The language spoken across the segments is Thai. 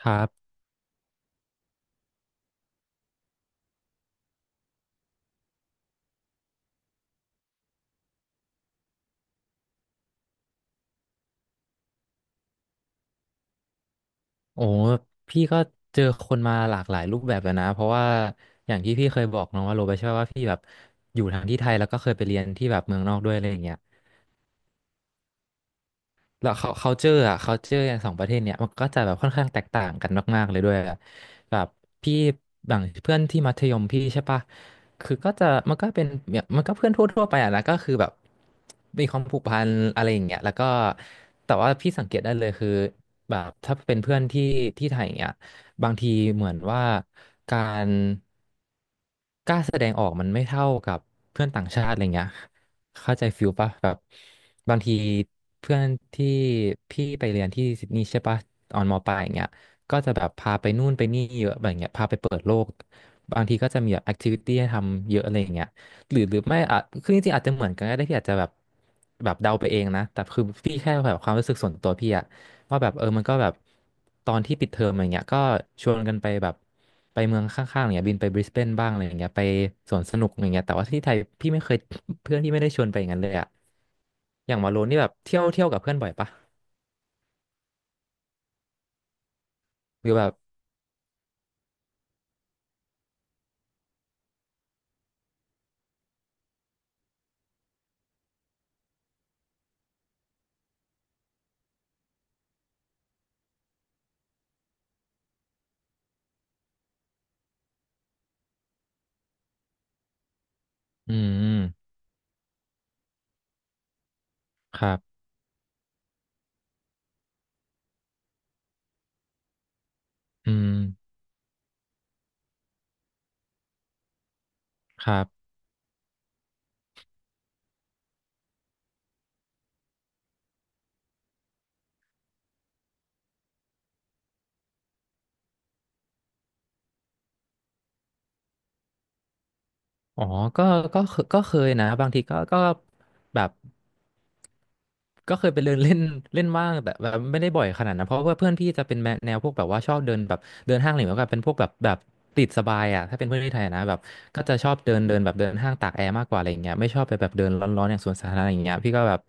ครับโอ้พี่ก็เจอคนมาหลากหลายรูปแบบแล้วนะ เพราะว่าอย่างที่พี่เคยบอกน้องว่าโรไปใช่ไหมว่าพี่แบบอยู่ทั้งที่ไทยแล้วก็เคยไปเรียนที่แบบเมืองนอกด้วยอะไรอย่างเงี้ย แล้วเขา culture อ่ะ culture อย่างสองประเทศเนี้ยมันก็จะแบบค่อนข้างแตกต่างกันมากๆเลยด้วยอะแบบพี่อย่างเพื่อนที่มัธยมพี่ใช่ปะคือก็จะมันก็เป็นเนี่ยมันก็เพื่อนทั่วๆไปอ่ะนะก็คือแบบมีความผูกพันอะไรอย่างเงี้ยแล้วก็แต่ว่าพี่สังเกตได้เลยคือแบบถ้าเป็นเพื่อนที่ไทยอย่างเงี้ยบางทีเหมือนว่าการกล้าแสดงออกมันไม่เท่ากับเพื่อนต่างชาติอะไรเงี้ย เข้าใจฟิลปะแบบบางทีเพื่อนที่พี่ไปเรียนที่ซิดนีย์ใช่ปะตอนมปลายอย่างเงี้ยก็จะแบบพาไปนู่นไปนี่เยอะแบบเงี้ยพาไปเปิดโลกบางทีก็จะมีแบบแอคทิวิตี้ให้ทำเยอะอะไรอย่างเงี้ยหรือไม่อ่ะคือจริงๆอาจจะเหมือนกันก็ได้พี่อาจจะแบบแบบเดาไปเองนะแต่คือพี่แค่แบบความรู้สึกส่วนตัวพี่อะ ว่าแบบเออมันก็แบบตอนที่ปิดเทอมอะไรเงี้ยก็ชวนกันไปแบบไปเมืองข้างๆอะไรเงี้ยบินไปบริสเบนบ้างอะไรอย่างเงี้ยไปสวนสนุกอะไรเงี้ยแต่ว่าที่ไทยพี่ไม่เคย เพื่อนที่ไม่ได้ชวนไปอย่างนั้นเลยอะอย่างวาโลนี่แบบเที่ยวกับเพื่อนบ่อยปะหรือแบบอืมครับอืมครับอ๋อก็เคยนะบางทีก็ก็แบบ ก็เคยไปเดินเล่น เล่นบ้างแต่แบบไม่ได้บ่อยขนาดนั้นเพราะว่าเพื่อนพี่จะเป็นแนวพวกแบบว่าชอบเดินแบบเดินห้างอะไรแบบเป็นพวกแบบติดสบายอ่ะถ้าเป็นเพื่อนที่ไทยนะแบบก็จะชอบเดินเดินแบบเดินห้างตากแอร์มากกว่าอะไรอย่างเงี้ยไม่ชอบไปแบบเดินร้อนๆอย่างสวนสาธารณะอย่างเงี้ยพี่ก็แบบ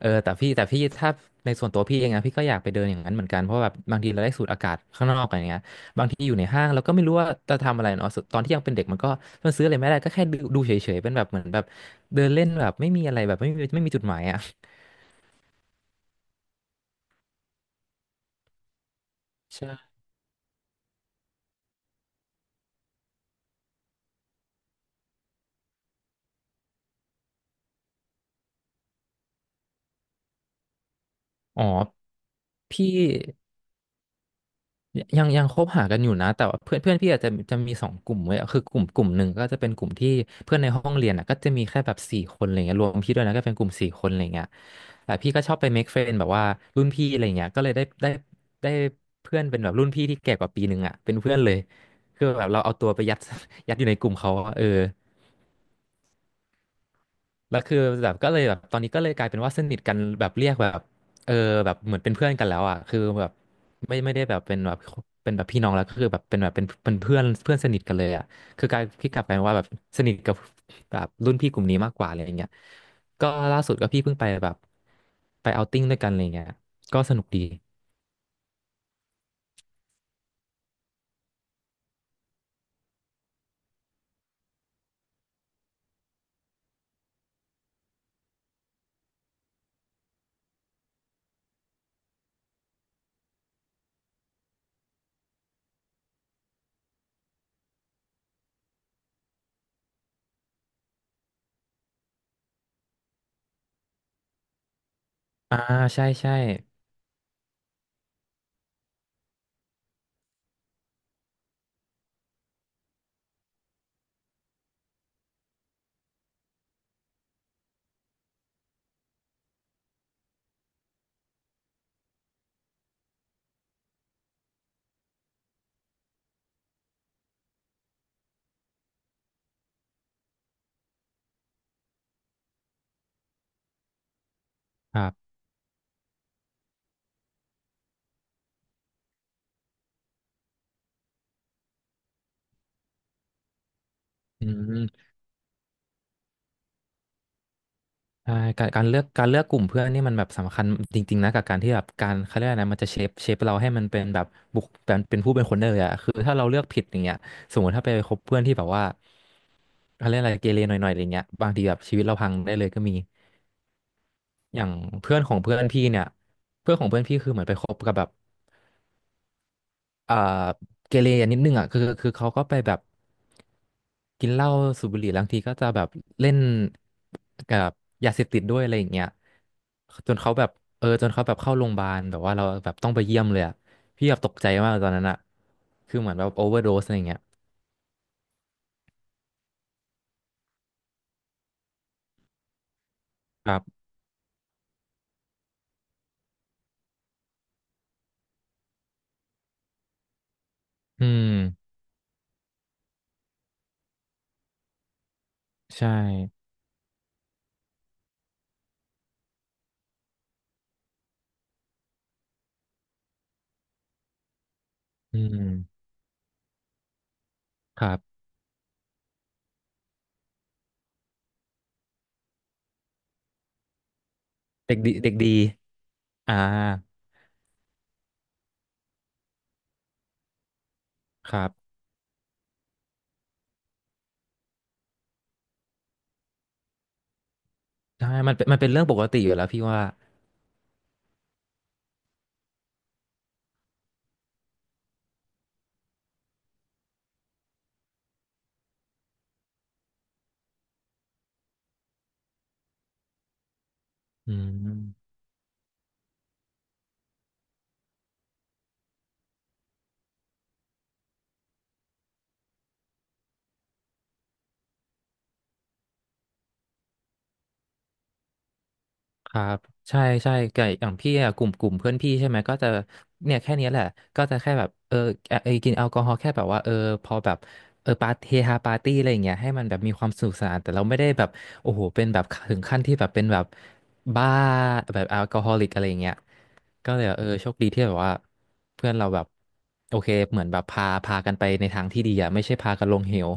เออแต่พี่ถ้าในส่วนตัวพี่เองนะพี่ก็อยากไปเดินอย่างนั้นเหมือนกันเพราะแบบบางทีเราได้สูดอากาศข้างนอกอะไรเงี้ยบางทีอยู่ในห้างเราก็ไม่รู้ว่าจะทำอะไรเนาะตอนที่ยังเป็นเด็กมันก็มันซื้ออะไรไม่ได้ก็แค่ดูเฉยๆเป็นแบบเหมือนแบบเดินเล่นแบบไม่มีอะไรแบบไม่มีจุดหมายอ่ะ อ๋อพี่ยังคบหากันอยู่นะแต่ว่าเพื่อนเพื่อนพี่อาจจะมีสองกลุ่มไว้ยคือกลุ่มหนึ่งก็จะเป็นกลุ่มที่เพื่อนในห้องเรียนอ่ะก็จะมีแค่แบบสี่คนอะไรเงี้ยรวมพี่ด้วยนะก็เป็นกลุ่มสี่คนอะไรเงี้ยแต่พี่ก็ชอบไป make friend แบบว่ารุ่นพี่อะไรเงี้ยก็เลยได้เพื่อนเป็นแบบรุ่นพี่ที่แก่กว่าปีหนึ่งอ่ะเป็นเพื่อนเลยคือแบบเราเอาตัวไปยัด ยัดอยู่ในกลุ่มเขาอะเออ แล้วคือแบบก็เลยแบบตอนนี้ก็เลยกลายเป็นว่าสนิทกันแบบเรียกแบบเออแบบเหมือนเป็นเพื่อนกันแล้วอ่ะคือแบบไม่ได้แบบเป็นแบบเป็นแบบพี่น้องแล้วก็คือแบบเป็นแบบเป็นเพื่อนเพื่อนสนิทกันเลยอ่ะคือกลายพี่กลับกลายเป็นว่าแบบสนิทกับแบบรุ่นพี่กลุ่มนี้มากกว่าอะไรอย่างเงี้ยก็ล่าสุดก็พี่เพิ่งไปแบบไปเอาท์ติ้งด้วยกันอะไรเงี้ยก็สนุกดีอ่าใช่ครับอืม ใช่การเลือกกลุ่มเพื่อนนี่มันแบบสำคัญจริงๆนะกับการที่แบบการเขาเรียกอะไรนะมันจะเชฟเราให้มันเป็นแบบบุคเป็นผู้เป็นคนได้เลยอะคือถ้าเราเลือกผิดอย่างเงี้ยสมมติถ้าไปคบเพื่อนที่แบบว่าเขาเรียกอะไรเกเรหน่อยๆอะไรเงี้ยบางทีแบบชีวิตเราพังได้เลยก็มีอย่างเพื่อนของเพื่อนพี่เนี่ยเพื่อนของเพื่อนพี่คือเหมือนไปคบกับแบบ เอ่อเกเรนิดนึงอ่ะคือเขาก็ไปแบบกินเหล้าสูบบุหรี่บางทีก็จะแบบเล่นกับยาเสพติดด้วยอะไรอย่างเงี้ยจนเขาแบบจนเขาแบบเข้าโรงพยาบาลแบบว่าเราแบบต้องไปเยี่ยมเลยอ่ะพี่แบบตกใจมากตอนนั้นอ่ะคือเหมือนแบบโอเวอร์โดสอะไรอย่างเงี้ยครับอืมใช่อืมครับเด็กดีเด็กดีอ่าครับใช่มันเป็นเรื่องปกติอยู่แล้วพี่ว่าอืม ครับใช่ใช่ไก่อย่างพี่อะกลุ่มเพื่อนพี่ใช่ไหมก็จะเนี่ยแค่เนี้ยแหละก็จะแค่แบบเออเอยกินแอลกอฮอล์แค่แบบว่าเออพอแบบเออปาร์ตี้เฮฮาปาร์ตี้อะไรอย่างเงี้ยให้มันแบบมีความสนุกสนานแต่เราไม่ได้แบบโอ้โหเป็นแบบถึงขั้นที่แบบเป็นแบบบ้าแบบแอลกอฮอลิกอะไรอย่างเงี้ยก็เลยแบบเออโชคดีที่แบบว่าเพื่อนเราแบบโอเคเหมือนแบบพากันไปในทางที่ดีอะไม่ใช่พากันลงเหว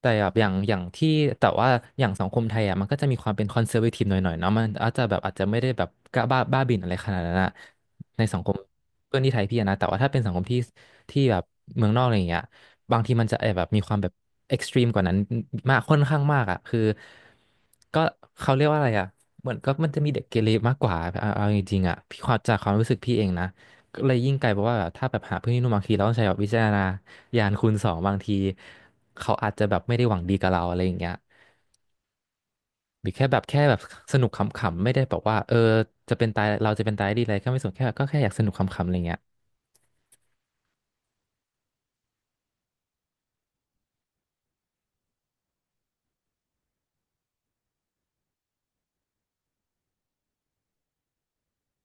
แต่แบบอย่างที่แต่ว่าอย่างสังคมไทยอ่ะมันก็จะมีความเป็นคอนเซอร์วทีฟหน่อยๆเนาะมันอาจจะแบบอาจจะไม่ได้แบบกล้าบ้าบ้าบิ่นอะไรขนาดนั้นอะในสังคมเพื่อนที่ไทยพี่อะนะแต่ว่าถ้าเป็นสังคมที่แบบเมืองนอกอะไรอย่างเงี้ยบางทีมันจะแอบแบบมีความแบบเอ็กซ์ตรีมกว่านั้นมากค่อนข้างมากอ่ะคือก็เขาเรียกว่าอะไรอ่ะเหมือนก็มันจะมีเด็กเกเรมากกว่าเอาจริงๆอ่ะพี่ความจากความรู้สึกพี่เองนะ ก็เลยยิ่งไกลเพราะว่าแบบถ้าแบบหาเพื่อนที่ร่วมบางทีเราต้องใช้แบบวิจารณญาณคูณสองบางทีเขาอาจจะแบบไม่ได้หวังดีกับเราอะไรอย่างเงี้ยหรือแค่แบบสนุกขำๆไม่ได้แบบว่าเออจะเป็นตายเราจะเป็นตายดีอะไรก็ไม่สนแค่แบบก็แค่อยากสนุกขำๆอะไรเงี้ย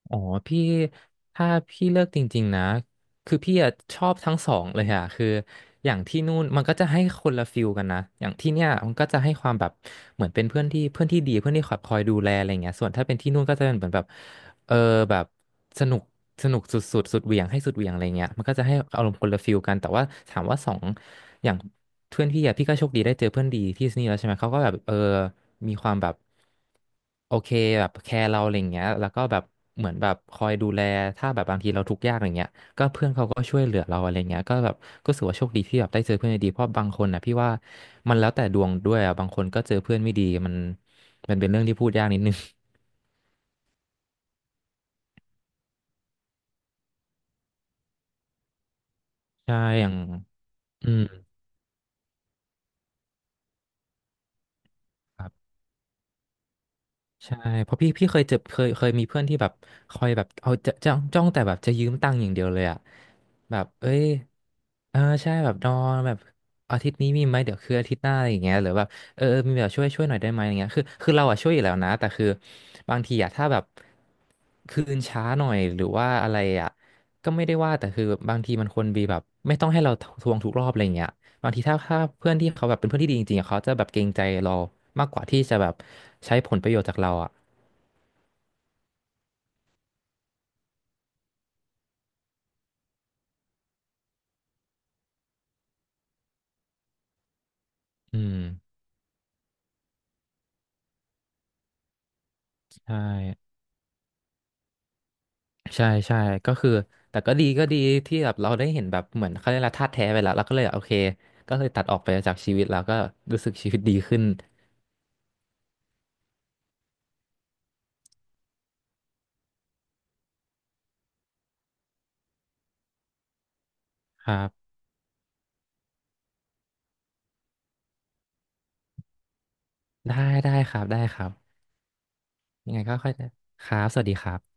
อ๋อพี่ถ้าพี่เลิกจริงๆนะ คือพี่อะชอบทั้งสองเลยอะคืออย่างที่นู่นมันก็จะให้คนละฟิลกันนะอย่างที่เนี่ยมันก็จะให้ความแบบเหมือนเป็นเพื่อนที่ดีเพื่อนที่คอยดูแลอะไรเงี้ยส่วนถ้าเป็นที่นู่นก็จะเป็นเหมือนแบบเออแบบสนุกสนุกสุดสุดเหวี่ยงให้สุดเหวี่ยงอะไรเงี้ยมันก็จะให้อารมณ์คนละฟิลกันแต่ว่าถามว่าสองอย่างเพื่อนพี่อะพี่ก็โชคดีได้เจอเพื่อนดีที่นี่แล้วใช่ไหมเขาก็แบบเออมีความแบบโอเคแบบแคร์เราอะไรเงี้ยแล้วก็แบบเหมือนแบบคอยดูแลถ้าแบบบางทีเราทุกข์ยากอะไรเงี้ย ก็เพื่อนเขาก็ช่วยเหลือเราอะไรเงี้ยก็แบบก็รูสว่าโชคดีที่แบบได้เจอเพื่อนดีๆเพราะบางคนนะพี่ว่ามันแล้วแต่ดวงด้วยอะบางคนก็เจอเพื่อนไม่ดีมันมันเป็นเรื่องที่พูดยากนิดนึง ใช่อย่างอืม ใช่เพราะพี่เคยเจอเคยมีเพื่อนที่แบบคอยแบบเอาจะจ้องแต่แบบจะยืมตังค์อย่างเดียวเลยอะแบบเอ้ยเออใช่แบบนอนแบบอาทิตย์นี้มีไหมเดี๋ยวคืออาทิตย์หน้าอะไรอย่างเงี้ยหรือแบบเออมีแบบช่วยหน่อยได้ไหมอย่างเงี้ยคือเราอะช่วยอยู่แล้วนะแต่คือบางทีอะถ้าแบบคืนช้าหน่อยหรือว่าอะไรอะก็ไม่ได้ว่าแต่คือบางทีมันควรมีแบบไม่ต้องให้เราทวงทุกรอบอะไรอย่างเงี้ย บางทีถ้าเพื่อนที่เขาแบบเป็นเพื่อนที่ดีจริงๆอะเขาจะแบบเกรงใจเรามากกว่าที่จะแบบใช้ผลประโยชน์จากเราอ่ะอืมใช่ใช่ใช่ก็คือแต่ก็ดีที่แบบเราได้เห็นแบบเหมือนเขาเรียกอะไรธาตุแท้ไปแล้วเราก็เลยโอเคก็เลยตัดออกไปจากชีวิตแล้วก็รู้สึกชีวิตดีขึ้นครับได้ได้ครับยังไงก็ค่อยครับสวัสดีครับ